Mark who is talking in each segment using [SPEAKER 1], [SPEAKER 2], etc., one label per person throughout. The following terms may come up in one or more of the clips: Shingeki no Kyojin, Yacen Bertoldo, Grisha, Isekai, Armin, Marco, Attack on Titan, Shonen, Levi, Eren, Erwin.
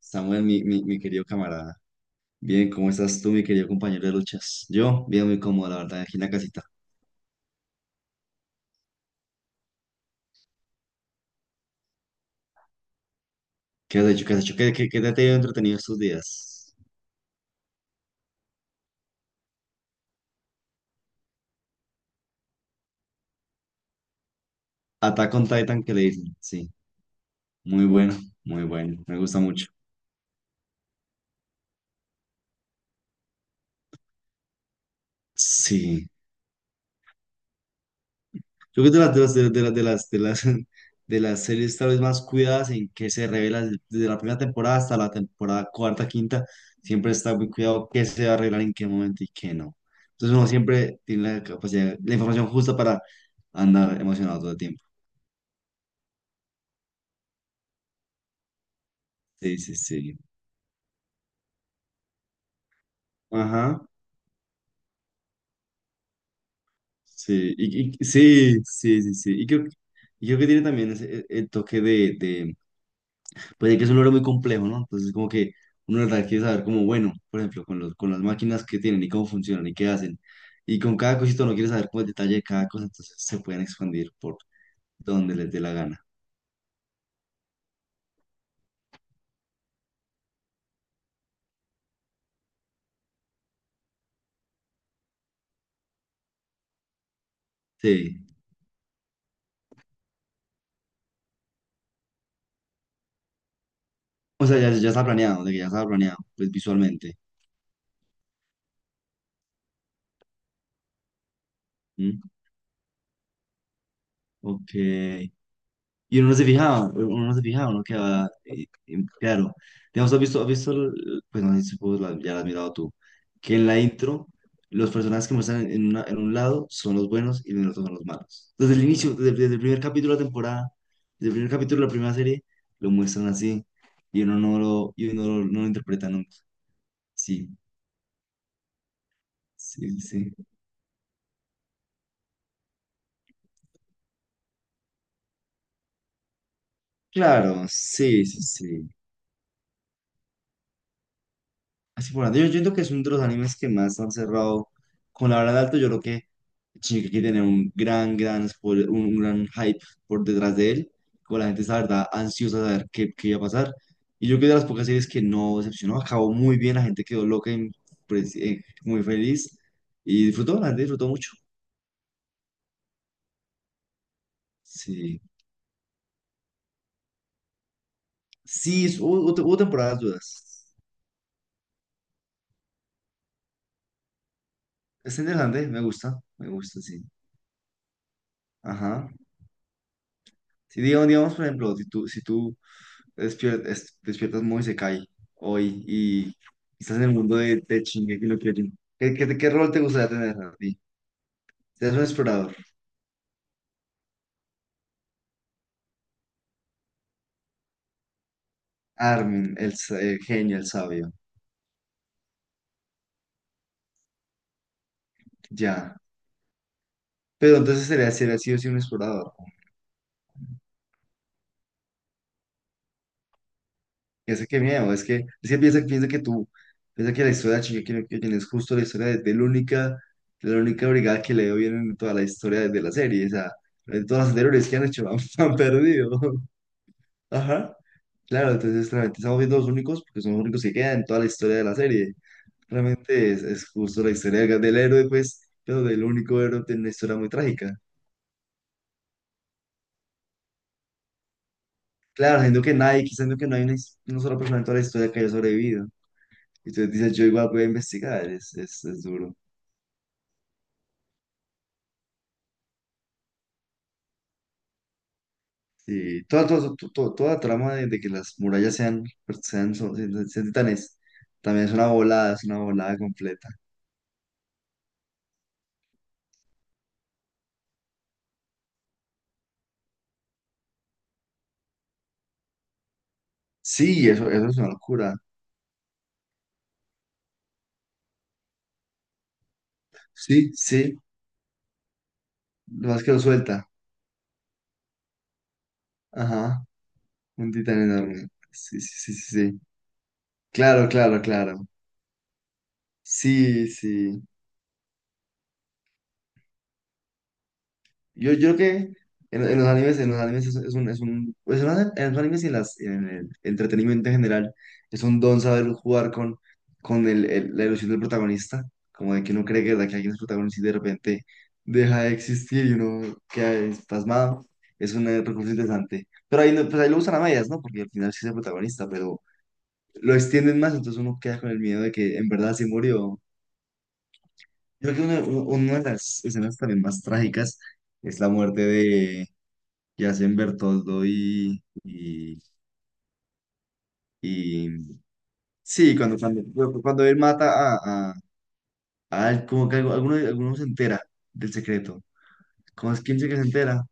[SPEAKER 1] Samuel, mi querido camarada. Bien, ¿cómo estás tú, mi querido compañero de luchas? Yo, bien, muy cómodo, la verdad, aquí en la casita. ¿Qué has hecho? ¿Qué has hecho? ¿Qué te ha tenido entretenido estos días? Attack on Titan, que le dicen. Sí, muy bueno, muy bueno. Me gusta mucho. Sí, yo creo que de las, de las, de las, de las, de las, de las series tal vez más cuidadas en que se revela desde la primera temporada hasta la temporada cuarta, quinta, siempre está muy cuidado qué se va a arreglar en qué momento y qué no. Entonces uno siempre tiene la capacidad, la información justa para andar emocionado todo el tiempo. Sí, sí, sí. Ajá. Sí, sí, sí, sí, sí. Y creo que tiene también el toque pues es que es un logro muy complejo, ¿no? Entonces, como que uno de verdad quiere saber como, bueno, por ejemplo, con las máquinas que tienen y cómo funcionan y qué hacen. Y con cada cosito uno quiere saber como el detalle de cada cosa, entonces se pueden expandir por donde les dé la gana. Sí. O sea, ya está planeado, de que ya está planeado, pues visualmente. ¿Mm? Ok. Y uno no se fijaba, uno no se fijaba, uno quedaba, claro. Digamos, has visto, pues no sé si supongo ya lo has mirado tú, que en la intro los personajes que muestran en, en un lado son los buenos y en el otro son los malos. Desde el inicio, desde el primer capítulo de la temporada, desde el primer capítulo de la primera serie, lo muestran así y uno no lo, y uno no lo, no lo interpreta nunca. Sí, sí, sí. Claro, sí, sí, sí. Así por ende, yo siento que es uno de los animes que más han cerrado con la verdad alto. Yo creo que Shingeki tiene un gran un gran hype por detrás de él. Con la gente, está, la verdad, ansiosa de saber qué, qué iba a pasar. Y yo creo que de las pocas series que no decepcionó, acabó muy bien. La gente quedó loca, y, pues, muy feliz. Y disfrutó, la gente disfrutó mucho. Sí. Sí, hubo, hubo temporadas dudas. Es interesante, me gusta, sí. Ajá. Si digamos, digamos, por ejemplo, si tú despiertas muy Isekai hoy y estás en el mundo de Shingeki no Kyojin. ¿Qué rol te gustaría tener a ti? Seas un explorador. Armin, el genio, el sabio. Ya. Pero entonces sería, sería sí o sí un explorador. Ya sé qué miedo. Es que piensa, piensa que tú, piensa que la historia de Shingeki no Kyojin es justo la historia de la única brigada que le dio bien en toda la historia de la serie. O sea, en todas las anteriores que han hecho, han, han perdido. Ajá. Claro, entonces realmente estamos viendo los únicos, porque son los únicos que quedan en toda la historia de la serie. Realmente es justo la historia del, del héroe, pues, pero del único héroe tiene una historia muy trágica. Claro, siendo que nadie, quizás siendo que no hay una, una sola persona en toda la historia que haya sobrevivido. Y tú dices, yo igual voy a investigar, es duro. Y toda, toda, toda, la trama de que las murallas sean, pues, sean, sean, sean titanes, también es una volada completa. Sí, eso es una locura. Sí, sí, lo más que lo suelta. Ajá. Un titán enorme. Sí, sí, sí, sí. Sí. Claro, claro, claro. Sí, sí. Yo creo que en, en los animes es un, pues en los animes y en, en el entretenimiento en general, es un don saber jugar con la ilusión del protagonista, como de que uno cree que alguien es protagonista y de repente deja de existir y uno queda espasmado. Es un recurso interesante. Pero ahí, pues ahí lo usan a medias, ¿no? Porque al final sí es el protagonista, pero lo extienden más, entonces uno queda con el miedo de que en verdad sí murió. Yo creo que una de las escenas también más trágicas es la muerte de Yacen Bertoldo y- sí, cuando él mata a él, como que alguno, alguno se entera del secreto. ¿Cómo es quién se que se entera?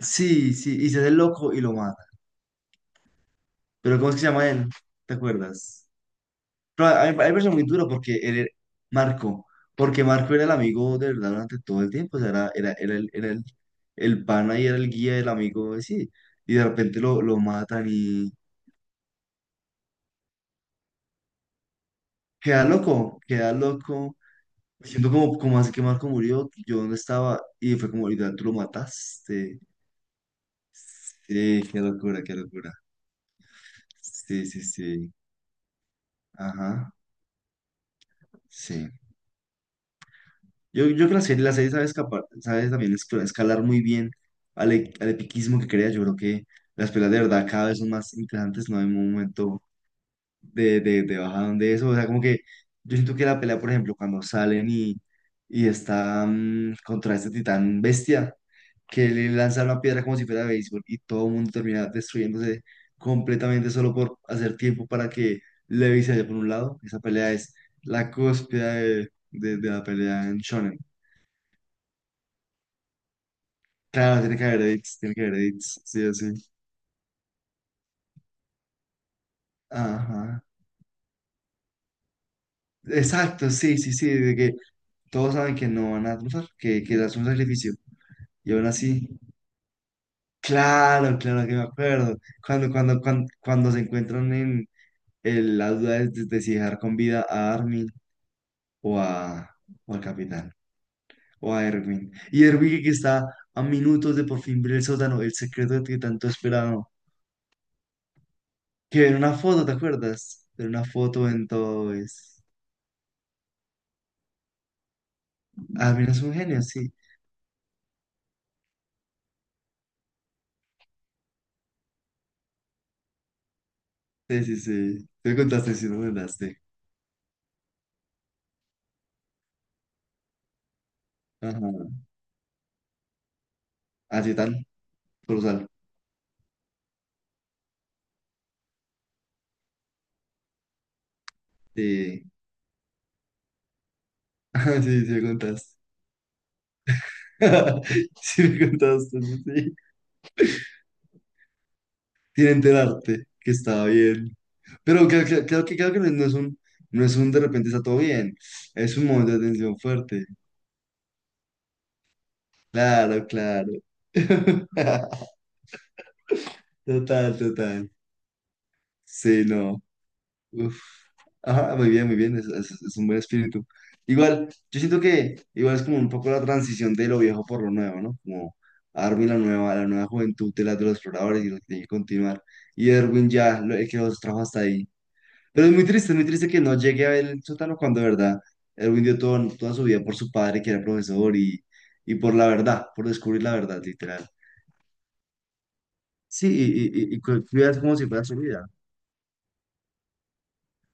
[SPEAKER 1] Sí, sí, y se hace loco y lo mata. Pero ¿cómo es que se llama él? ¿Te acuerdas? Pero a mí me parece muy duro porque él era- Marco, porque Marco era el amigo de verdad durante todo el tiempo, o sea, era, era, era el pana y era el guía del amigo, sí, y de repente lo matan y queda loco, queda loco. Me siento como, como así que Marco murió, yo dónde estaba, y fue como, literal, tú lo mataste. Sí, qué locura, qué locura. Sí, sí, sí. Ajá, sí. Yo creo que la serie sabe, escapar, sabe también escalar muy bien al, al epiquismo que crea. Yo creo que las peleas de verdad cada vez son más interesantes, no hay un momento de bajadón de eso. O sea, como que yo siento que la pelea, por ejemplo, cuando salen y están contra este titán bestia, que le lanza una piedra como si fuera de béisbol y todo el mundo termina destruyéndose completamente solo por hacer tiempo para que Levi se vaya por un lado. Esa pelea es la cúspide de, de la pelea en Shonen. Claro, tiene que haber edits, tiene que haber edits, sí o sí. Ajá. Exacto, sí, sí, sí, de que todos saben que no van a triunfar, que es un sacrificio. Y aún así, claro, claro que me acuerdo. Cuando se encuentran en el, la duda de si dejar con vida a Armin o, a, o al capitán o a Erwin. Y Erwin que está a minutos de por fin ver el sótano, el secreto que tanto esperaba. Que ver una foto, ¿te acuerdas? Ver una foto en todo eso. Ah, mira, es un genio, sí. Sí, sí, sí. Te me contaste, sí, no me contaste. Ajá. Así tal, por sal. Sí. Ah, sí, sí, me contaste. Sí, me contaste, sí. Sí. Sin enterarte que estaba bien. Pero creo, creo que no es un, no es un de repente está todo bien. Es un momento de tensión fuerte. Claro, claro. Total, total. Sí, no. Uf. Ajá, muy bien, es, es un buen espíritu. Igual, yo siento que igual es como un poco la transición de lo viejo por lo nuevo, ¿no? Como Armin, la nueva juventud de, la, de los exploradores y lo que tiene que continuar. Y Erwin ya, lo, el que los trajo hasta ahí. Pero es muy triste que no llegue a ver el sótano cuando de verdad Erwin dio todo, toda su vida por su padre, que era profesor, y por la verdad, por descubrir la verdad, literal. Sí, y cuidas como si fuera su vida.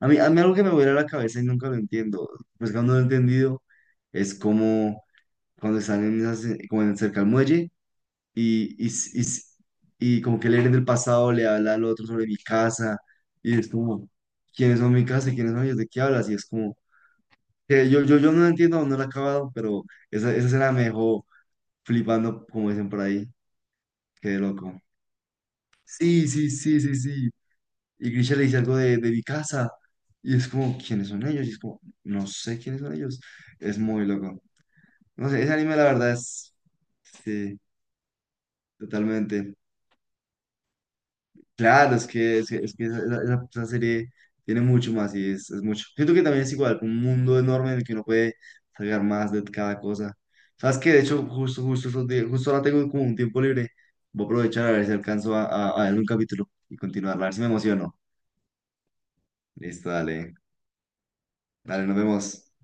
[SPEAKER 1] A mí algo que me vuela la cabeza y nunca lo entiendo, pues cuando lo he entendido, es como cuando están en como en cerca al muelle y, y, s- y, s- y como que el Eren del pasado le habla al otro sobre mi casa y es como, ¿quiénes son mi casa y quiénes son ellos? ¿De qué hablas? Y es como, que yo no lo entiendo, aún no lo he acabado, pero esa escena me dejó flipando, como dicen por ahí, qué loco. Sí, sí, sí, sí, sí. Y Grisha le dice algo de mi casa. Y es como, ¿quiénes son ellos? Y es como, no sé quiénes son ellos. Es muy loco. No sé, ese anime la verdad es, sí, totalmente. Claro, es que, es que, es que esa, esa serie tiene mucho más y es mucho. Siento que también es igual, un mundo enorme en el que uno puede sacar más de cada cosa. Sabes que de hecho, justo, justo, justo ahora tengo como un tiempo libre. Voy a aprovechar a ver si alcanzo a ver un capítulo y continuarla, a ver si me emociono. Listo, dale. Dale, nos vemos.